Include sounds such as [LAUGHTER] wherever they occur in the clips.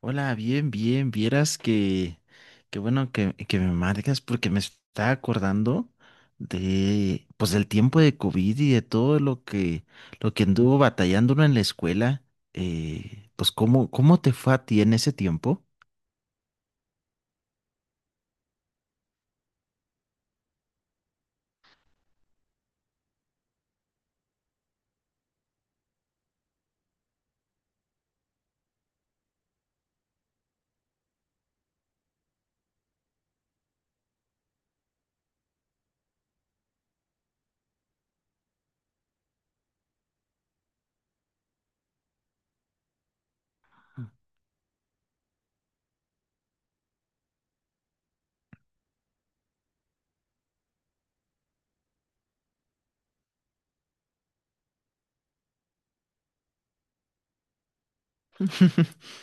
Hola, bien, bien. Vieras que, qué bueno que me marcas porque me está acordando de, pues, del tiempo de COVID y de todo lo que anduvo batallando uno en la escuela. Pues, ¿cómo te fue a ti en ese tiempo? [LAUGHS]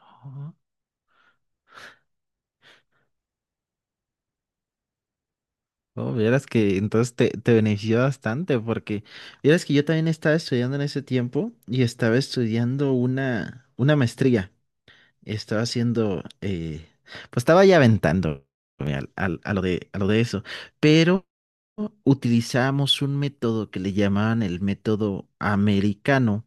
Ajá. Oh, vieras que entonces te benefició bastante porque vieras que yo también estaba estudiando en ese tiempo y estaba estudiando una maestría. Estaba haciendo, pues estaba ya aventando a lo de eso, pero utilizamos un método que le llamaban el método americano,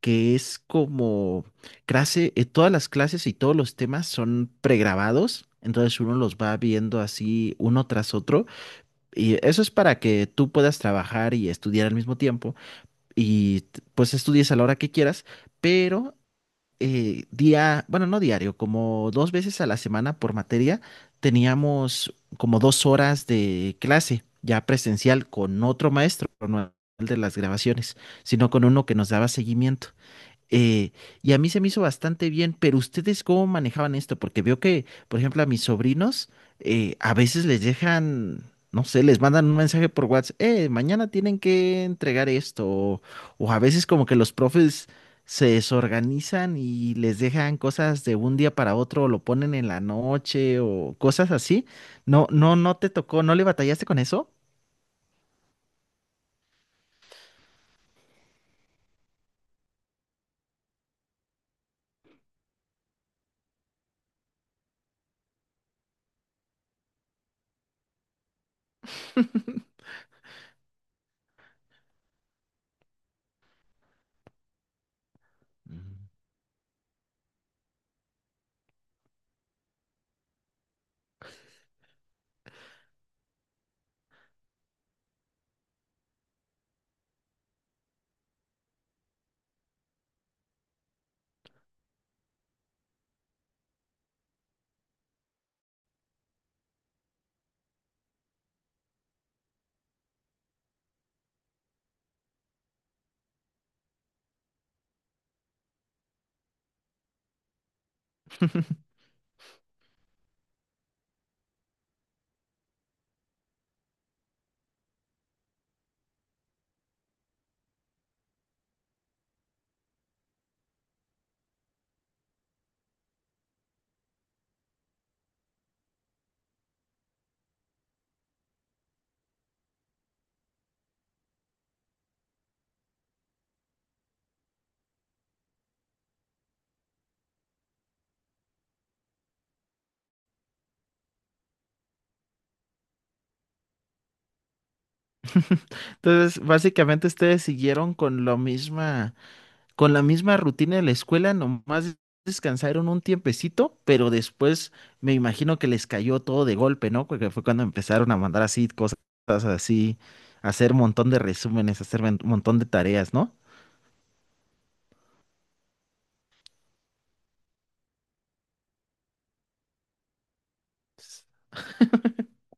que es como clase, todas las clases y todos los temas son pregrabados, entonces uno los va viendo así uno tras otro, y eso es para que tú puedas trabajar y estudiar al mismo tiempo, y pues estudies a la hora que quieras, pero bueno, no diario, como dos veces a la semana por materia, teníamos como 2 horas de clase ya presencial con otro maestro, no el de las grabaciones, sino con uno que nos daba seguimiento. Eh, y a mí se me hizo bastante bien, pero ¿ustedes cómo manejaban esto? Porque veo que, por ejemplo, a mis sobrinos a veces les dejan, no sé, les mandan un mensaje por WhatsApp, mañana tienen que entregar esto, o a veces como que los profes se desorganizan y les dejan cosas de un día para otro, o lo ponen en la noche, o cosas así. No, no, no te tocó, ¿no le batallaste con eso? [LAUGHS] Mm. Entonces, básicamente ustedes siguieron con lo misma. Con la misma rutina de la escuela, nomás descansaron un tiempecito, pero después me imagino que les cayó todo de golpe, ¿no? Porque fue cuando empezaron a mandar así cosas así, a hacer un montón de resúmenes, a hacer un montón de tareas, ¿no? [LAUGHS]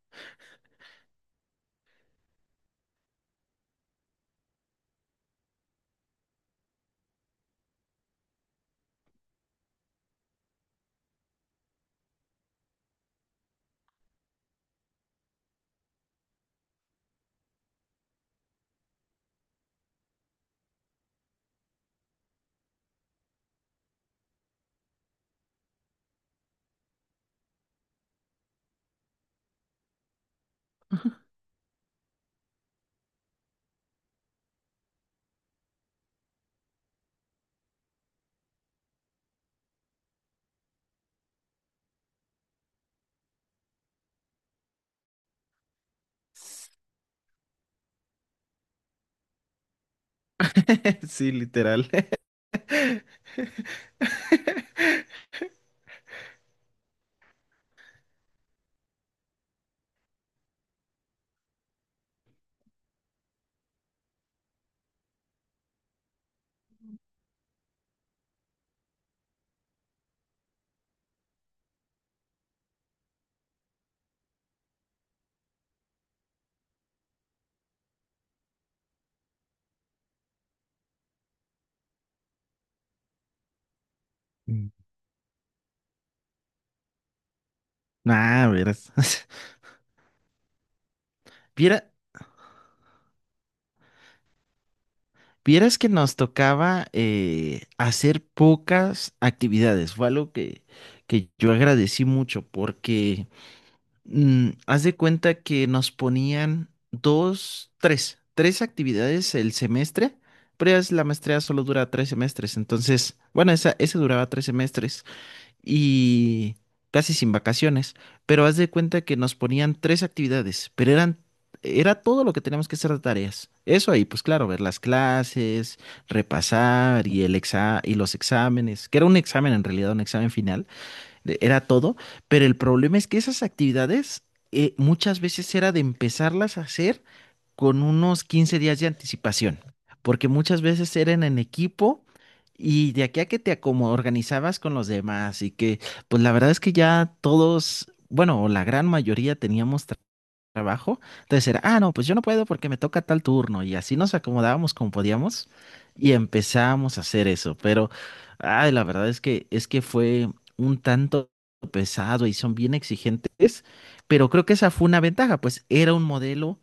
Sí, literal. Mm. Ah, verás. [LAUGHS] Viera- Vieras que nos tocaba hacer pocas actividades. Fue algo que yo agradecí mucho porque haz de cuenta que nos ponían dos, tres actividades el semestre, pero ya es la maestría solo dura 3 semestres, entonces, bueno, ese duraba 3 semestres y casi sin vacaciones, pero haz de cuenta que nos ponían tres actividades, pero era todo lo que teníamos que hacer de tareas. Eso ahí, pues claro, ver las clases, repasar y el exa y los exámenes, que era un examen en realidad, un examen final era todo, pero el problema es que esas actividades muchas veces era de empezarlas a hacer con unos 15 días de anticipación, porque muchas veces eran en equipo y de aquí a que te organizabas con los demás y que pues la verdad es que ya todos, bueno, o la gran mayoría teníamos trabajo. Entonces era, ah, no, pues yo no puedo porque me toca tal turno. Y así nos acomodábamos como podíamos y empezábamos a hacer eso. Pero, ay, la verdad es que fue un tanto pesado y son bien exigentes, pero creo que esa fue una ventaja, pues era un modelo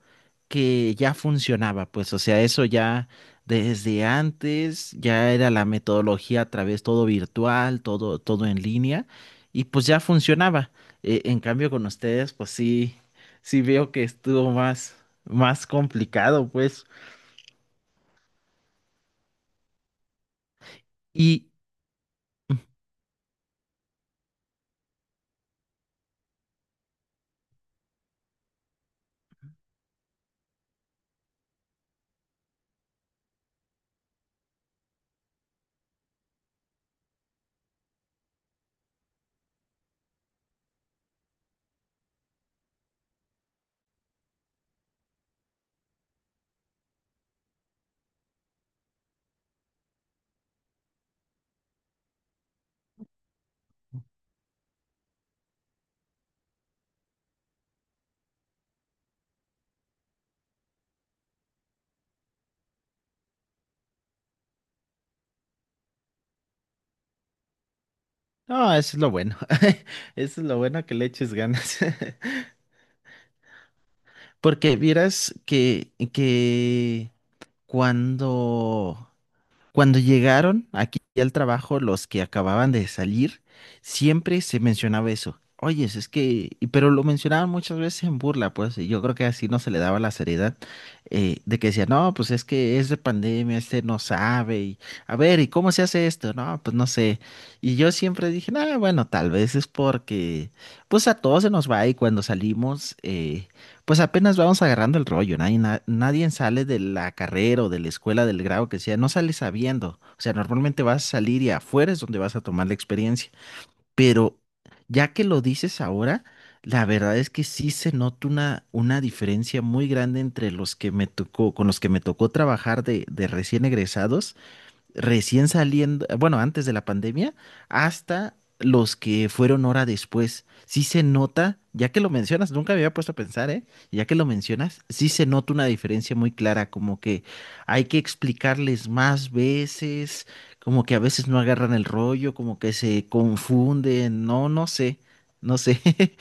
que ya funcionaba, pues, o sea, eso ya desde antes, ya era la metodología a través todo virtual, todo, todo en línea, y pues ya funcionaba. En cambio, con ustedes, pues sí sí veo que estuvo más complicado, pues. Y no, eso es lo bueno. [LAUGHS] Eso es lo bueno que le eches ganas. [LAUGHS] Porque vieras que cuando Cuando llegaron aquí al trabajo, los que acababan de salir, siempre se mencionaba eso. Oye, es que, pero lo mencionaban muchas veces en burla, pues, y yo creo que así no se le daba la seriedad de que decía, no, pues es que es de pandemia, este no sabe, y a ver, ¿y cómo se hace esto? No, pues no sé. Y yo siempre dije, no, bueno, tal vez es porque, pues a todos se nos va y cuando salimos, pues apenas vamos agarrando el rollo, nadie, nadie sale de la carrera o de la escuela, del grado que sea, no sale sabiendo. O sea, normalmente vas a salir y afuera es donde vas a tomar la experiencia. Pero ya que lo dices ahora, la verdad es que sí se nota una diferencia muy grande entre los que me tocó, con los que me tocó trabajar de recién egresados recién saliendo, bueno, antes de la pandemia, hasta los que fueron hora después. Sí se nota, ya que lo mencionas, nunca me había puesto a pensar, ¿eh? Ya que lo mencionas, sí se nota una diferencia muy clara, como que hay que explicarles más veces, como que a veces no agarran el rollo, como que se confunden, no, no sé, no sé. [LAUGHS]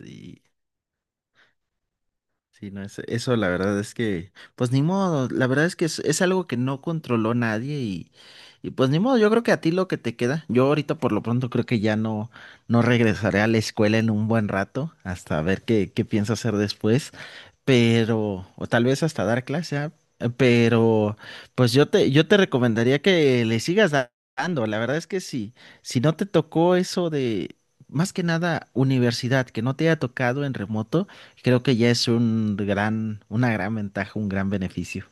Y- Sí, no, eso la verdad es que, pues ni modo, la verdad es que es algo que no controló nadie y pues ni modo, yo creo que a ti lo que te queda, yo ahorita por lo pronto creo que ya no, no regresaré a la escuela en un buen rato, hasta ver qué pienso hacer después pero, o tal vez hasta dar clase, ah, pero, pues yo te recomendaría que le sigas dando. La verdad es que sí, si no te tocó eso de, más que nada, universidad, que no te haya tocado en remoto, creo que ya es un gran, una gran ventaja, un gran beneficio.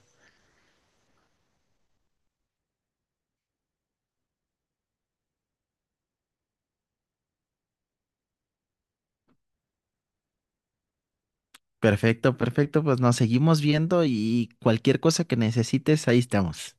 Perfecto, perfecto, pues nos seguimos viendo y cualquier cosa que necesites, ahí estamos.